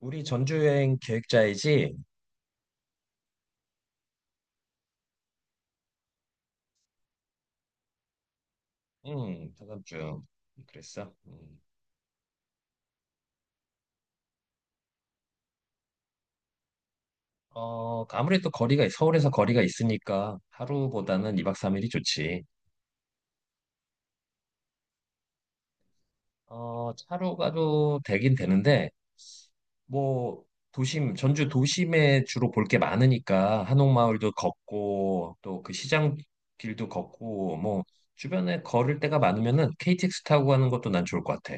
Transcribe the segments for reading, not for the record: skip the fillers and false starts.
우리 전주 여행 계획자이지? 응, 다음 주. 그랬어. 음. 어, 아무래도 거리가, 서울에서 거리가 있으니까 하루보다는 2박 3일이 좋지. 어, 차로 가도 되긴 되는데, 뭐, 도심, 전주 도심에 주로 볼 게 많으니까, 한옥마을도 걷고, 또 그 시장 길도 걷고, 뭐, 주변에 걸을 데가 많으면은 KTX 타고 가는 것도 난 좋을 것 같아.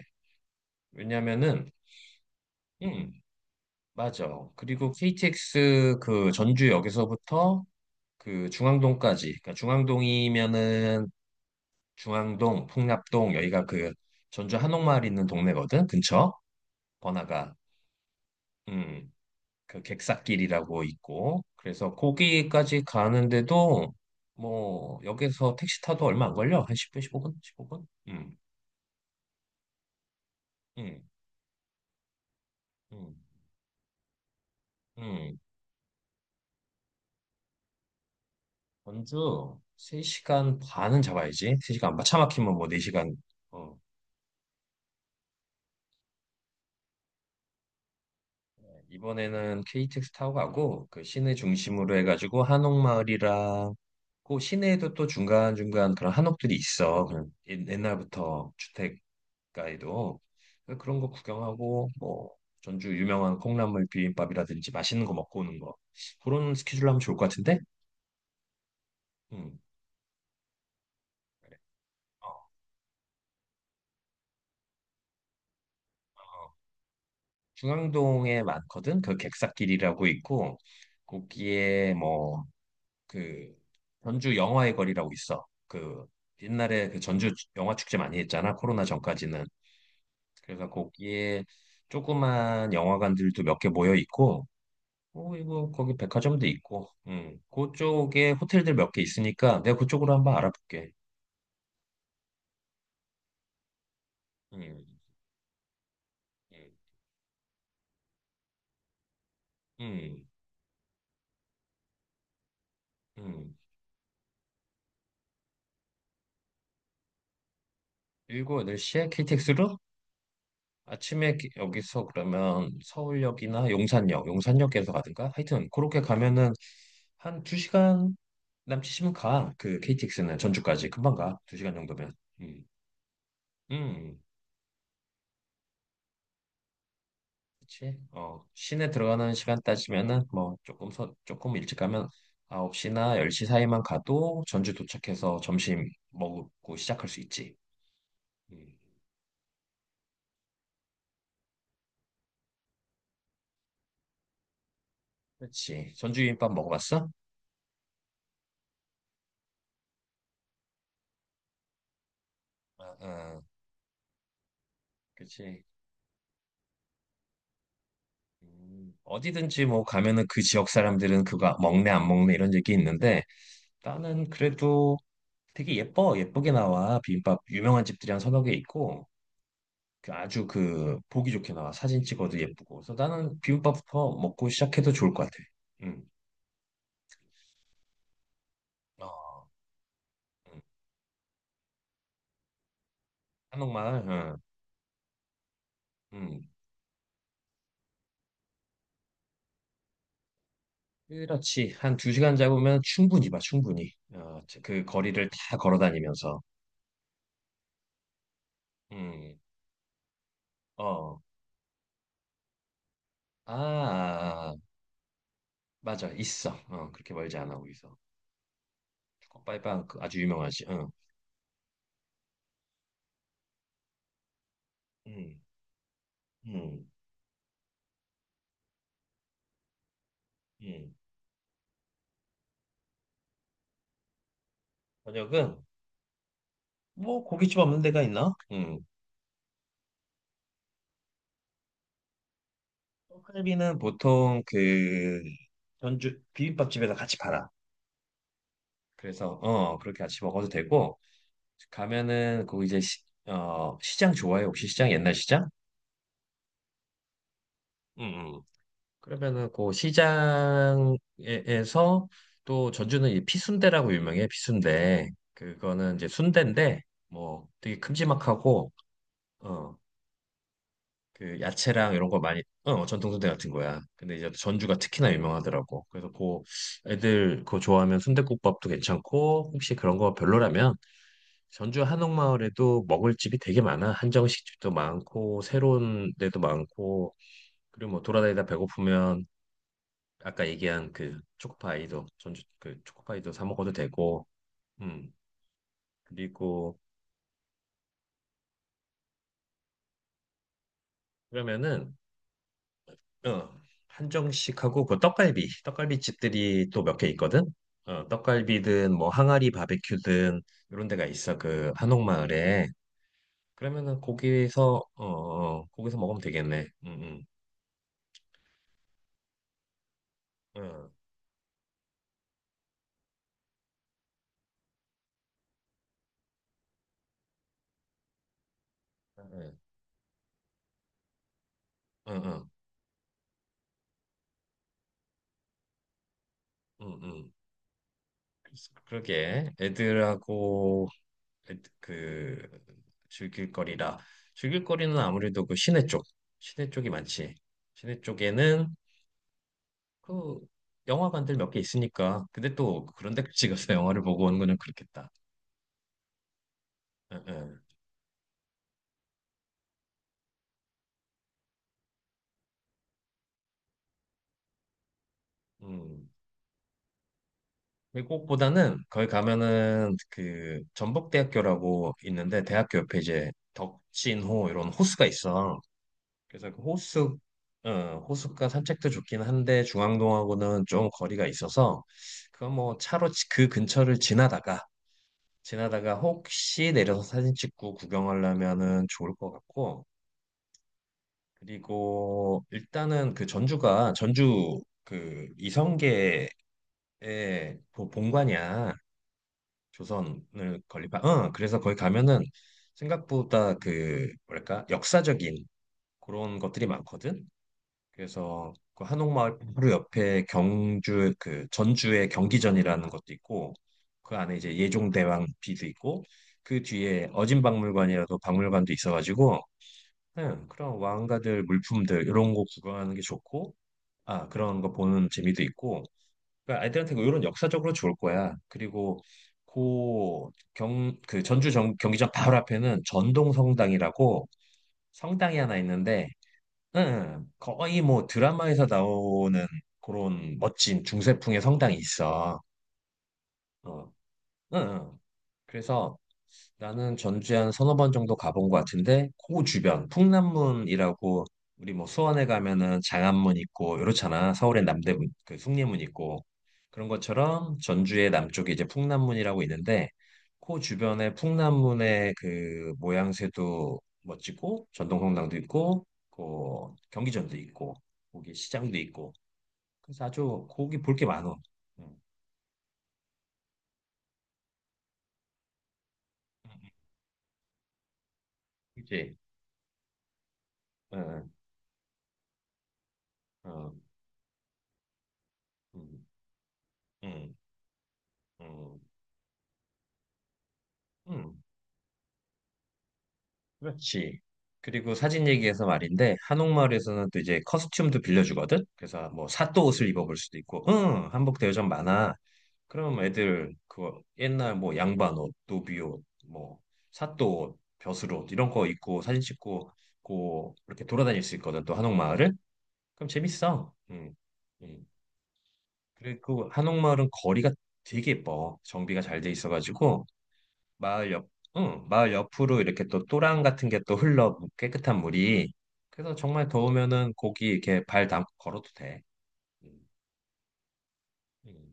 왜냐면은, 음, 맞아. 그리고 KTX 그 전주역에서부터 그 중앙동까지, 그러니까 중앙동이면은 중앙동, 풍납동 여기가 그 전주 한옥마을 있는 동네거든. 근처 번화가, 음, 그 객사길이라고 있고, 그래서 거기까지 가는데도 뭐 역에서 택시 타도 얼마 안 걸려. 한 10분, 15분, 15분. 음, 음, 음. 전주 3시간 반은 잡아야지. 3시간 반 차 막히면 뭐 4시간. 이번에는 KTX 타고 가고 그 시내 중심으로 해가지고 한옥마을이랑 그 시내에도 또 중간중간 그런 한옥들이 있어. 옛날부터 주택가에도 그래서 그런 거 구경하고 뭐 전주 유명한 콩나물 비빔밥이라든지 맛있는 거 먹고 오는 거 그런 스케줄로 하면 좋을 것 같은데? 음. 그래. 어, 어. 중앙동에 많거든. 그 객사길이라고 있고 거기에 뭐 그 전주 영화의 거리라고 있어. 그 옛날에 그 전주 영화 축제 많이 했잖아. 코로나 전까지는. 그래서 거기에 조그만 영화관들도 몇 개 모여 있고, 어, 이거 거기 백화점도 있고, 그쪽에 호텔들 몇 개 있으니까 내가 그쪽으로 한번 알아볼게. 음, 음, 음, 음. 일곱 여덟 시에 KTX로 아침에 여기서 그러면 서울역이나 용산역, 용산역에서 가든가 하여튼 그렇게 가면은 한 두시간 남치시면 가. 그 KTX는 전주까지 금방 가. 두 시간 정도면. 음, 음, 그치. 어, 시내 들어가는 시간 따지면은 뭐 조금 일찍 가면 9시나 10시 사이만 가도 전주 도착해서 점심 먹고 시작할 수 있지. 음, 그치. 전주 비빔밥 먹어봤어? 아, 아, 그치. 어디든지 뭐 가면은 그 지역 사람들은 그거 먹네 안 먹네 이런 얘기 있는데 나는 그래도 되게 예뻐 예쁘게 나와 비빔밥 유명한 집들이 한 서너 개 있고 그 아주 그 보기 좋게 나와 사진 찍어도 예쁘고 그래서 나는 비빔밥부터 먹고 시작해도 좋을 것 같아. 응. 어, 응. 한옥마을, 응. 응. 그렇지. 한 두 시간 잡으면 충분히 봐, 충분히. 어, 그 거리를 다 걸어 다니면서. 음, 어, 아, 아, 아. 맞아, 있어. 어, 그렇게 멀지 않아, 거기서. 컵바이빵 그 아주 유명하지. 응, 음, 음, 음. 저녁은 뭐 고깃집 없는 데가 있나? 음. 떡갈비는 보통 그 전주 비빔밥집에서 같이 팔아. 그래서 어 그렇게 같이 먹어도 되고 가면은 어 시장 좋아해 혹시 시장 옛날 시장? 음. 음. 그러면은 그 시장에서 또 전주는 이 피순대라고 유명해 피순대. 그거는 이제 순대인데 뭐 되게 큼지막하고 어 그 야채랑 이런 거 많이 어 전통순대 같은 거야. 근데 이제 전주가 특히나 유명하더라고. 그래서 그 애들 그거 좋아하면 순댓국밥도 괜찮고 혹시 그런 거 별로라면 전주 한옥마을에도 먹을 집이 되게 많아. 한정식 집도 많고, 새로운 데도 많고, 그리고 뭐 돌아다니다 배고프면 아까 얘기한 그 초코파이도, 전주 그 초코파이도 사 먹어도 되고, 음, 그리고 그러면은, 어, 한정식하고 그 떡갈비, 떡갈비 집들이 또 몇 개 있거든? 어, 떡갈비든 뭐 항아리 바베큐든 이런 데가 있어. 그 한옥마을에. 그러면은 거기서, 어, 어, 거기서 먹으면 되겠네. 응, 응, 응, 응, 응. 음, 음. 그래서 그러게 애들하고 애 그 즐길 거리라 즐길 거리는 아무래도 그 시내 쪽 시내 쪽이 많지 시내 쪽에는 그 영화관들 몇 개 있으니까 근데 또 그런 데까지 가서 영화를 보고 오는 거는 그렇겠다 응, 응. 음. 외국보다는 거기 가면은 그 전북대학교라고 있는데 대학교 옆에 이제 덕진호 이런 호수가 있어 그래서 그 호수, 어, 호수가 산책도 좋긴 한데 중앙동하고는 좀 거리가 있어서 그건 뭐 그 근처를 지나다가 지나다가 혹시 내려서 사진 찍고 구경하려면은 좋을 것 같고 그리고 일단은 그 전주가 전주 그 이성계의 그 본관이야 조선을 건립한 어 그래서 거기 가면은 생각보다 그 뭐랄까 역사적인 그런 것들이 많거든 그래서 그 한옥마을 바로 옆에 경주 그 전주의 경기전이라는 것도 있고 그 안에 이제 예종대왕 비도 있고 그 뒤에 어진박물관이라도 박물관도 있어가지고 네, 그런 왕가들 물품들 이런 거 구경하는 게 좋고 아 그런 거 보는 재미도 있고 그러니까 아이들한테 뭐 이런 역사적으로 좋을 거야 그리고 고경그 경기장 바로 앞에는 전동성당이라고 성당이 하나 있는데 응, 거의 뭐 드라마에서 나오는 그런 멋진 중세풍의 성당이 있어. 어, 응, 응. 그래서 나는 전주에 한 서너 번 정도 가본 것 같은데 그 주변 풍남문이라고 우리 뭐 수원에 가면은 장안문 있고 이렇잖아 서울엔 남대문 그 숭례문 있고 그런 것처럼 전주의 남쪽에 이제 풍남문이라고 있는데 그 주변에 풍남문의 그 모양새도 멋지고 전동성당도 있고 그 경기전도 있고 거기 시장도 있고 그래서 아주 거기 볼게 많어 응. 그치? 응, 응, 응, 응, 응, 응. 그렇지. 그리고 사진 얘기해서 말인데 한옥마을에서는 또 이제 커스튬도 빌려주거든. 그래서 뭐 사또 옷을 입어볼 수도 있고, 응, 한복 대여점 많아. 그럼 애들 그거 옛날 뭐 양반 옷, 노비 옷, 뭐 사또 옷, 벼슬 옷 이런 거 입고 사진 찍고 고 이렇게 돌아다닐 수 있거든. 또 한옥마을을. 그럼 재밌어. 음. 그리고 한옥마을은 거리가 되게 예뻐. 정비가 잘 돼 있어가지고 마을 옆, 응, 마을 옆으로 이렇게 또 또랑 같은 게 또 흘러 깨끗한 물이. 그래서 정말 더우면은 거기 이렇게 발 담고 걸어도 돼. 음, 음,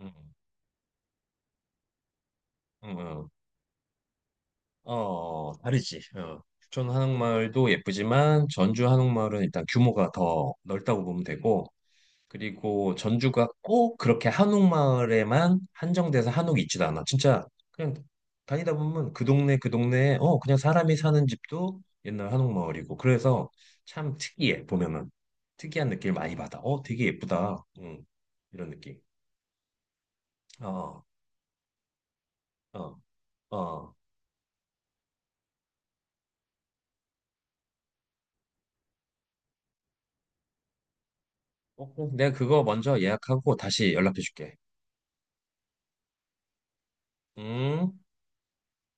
음, 음. 어, 어, 다르지. 어. 부천 한옥마을도 예쁘지만 전주 한옥마을은 일단 규모가 더 넓다고 보면 되고 그리고 전주가 꼭 그렇게 한옥마을에만 한정돼서 한옥이 있지도 않아. 진짜 그냥 다니다 보면 그 동네 그 동네에 어 그냥 사람이 사는 집도 옛날 한옥마을이고 그래서 참 특이해 보면은 특이한 느낌을 많이 받아. 어 되게 예쁘다. 이런 느낌. 어, 어, 어. 어, 꼭 내가 그거 먼저 예약하고 다시 연락해 줄게. 음.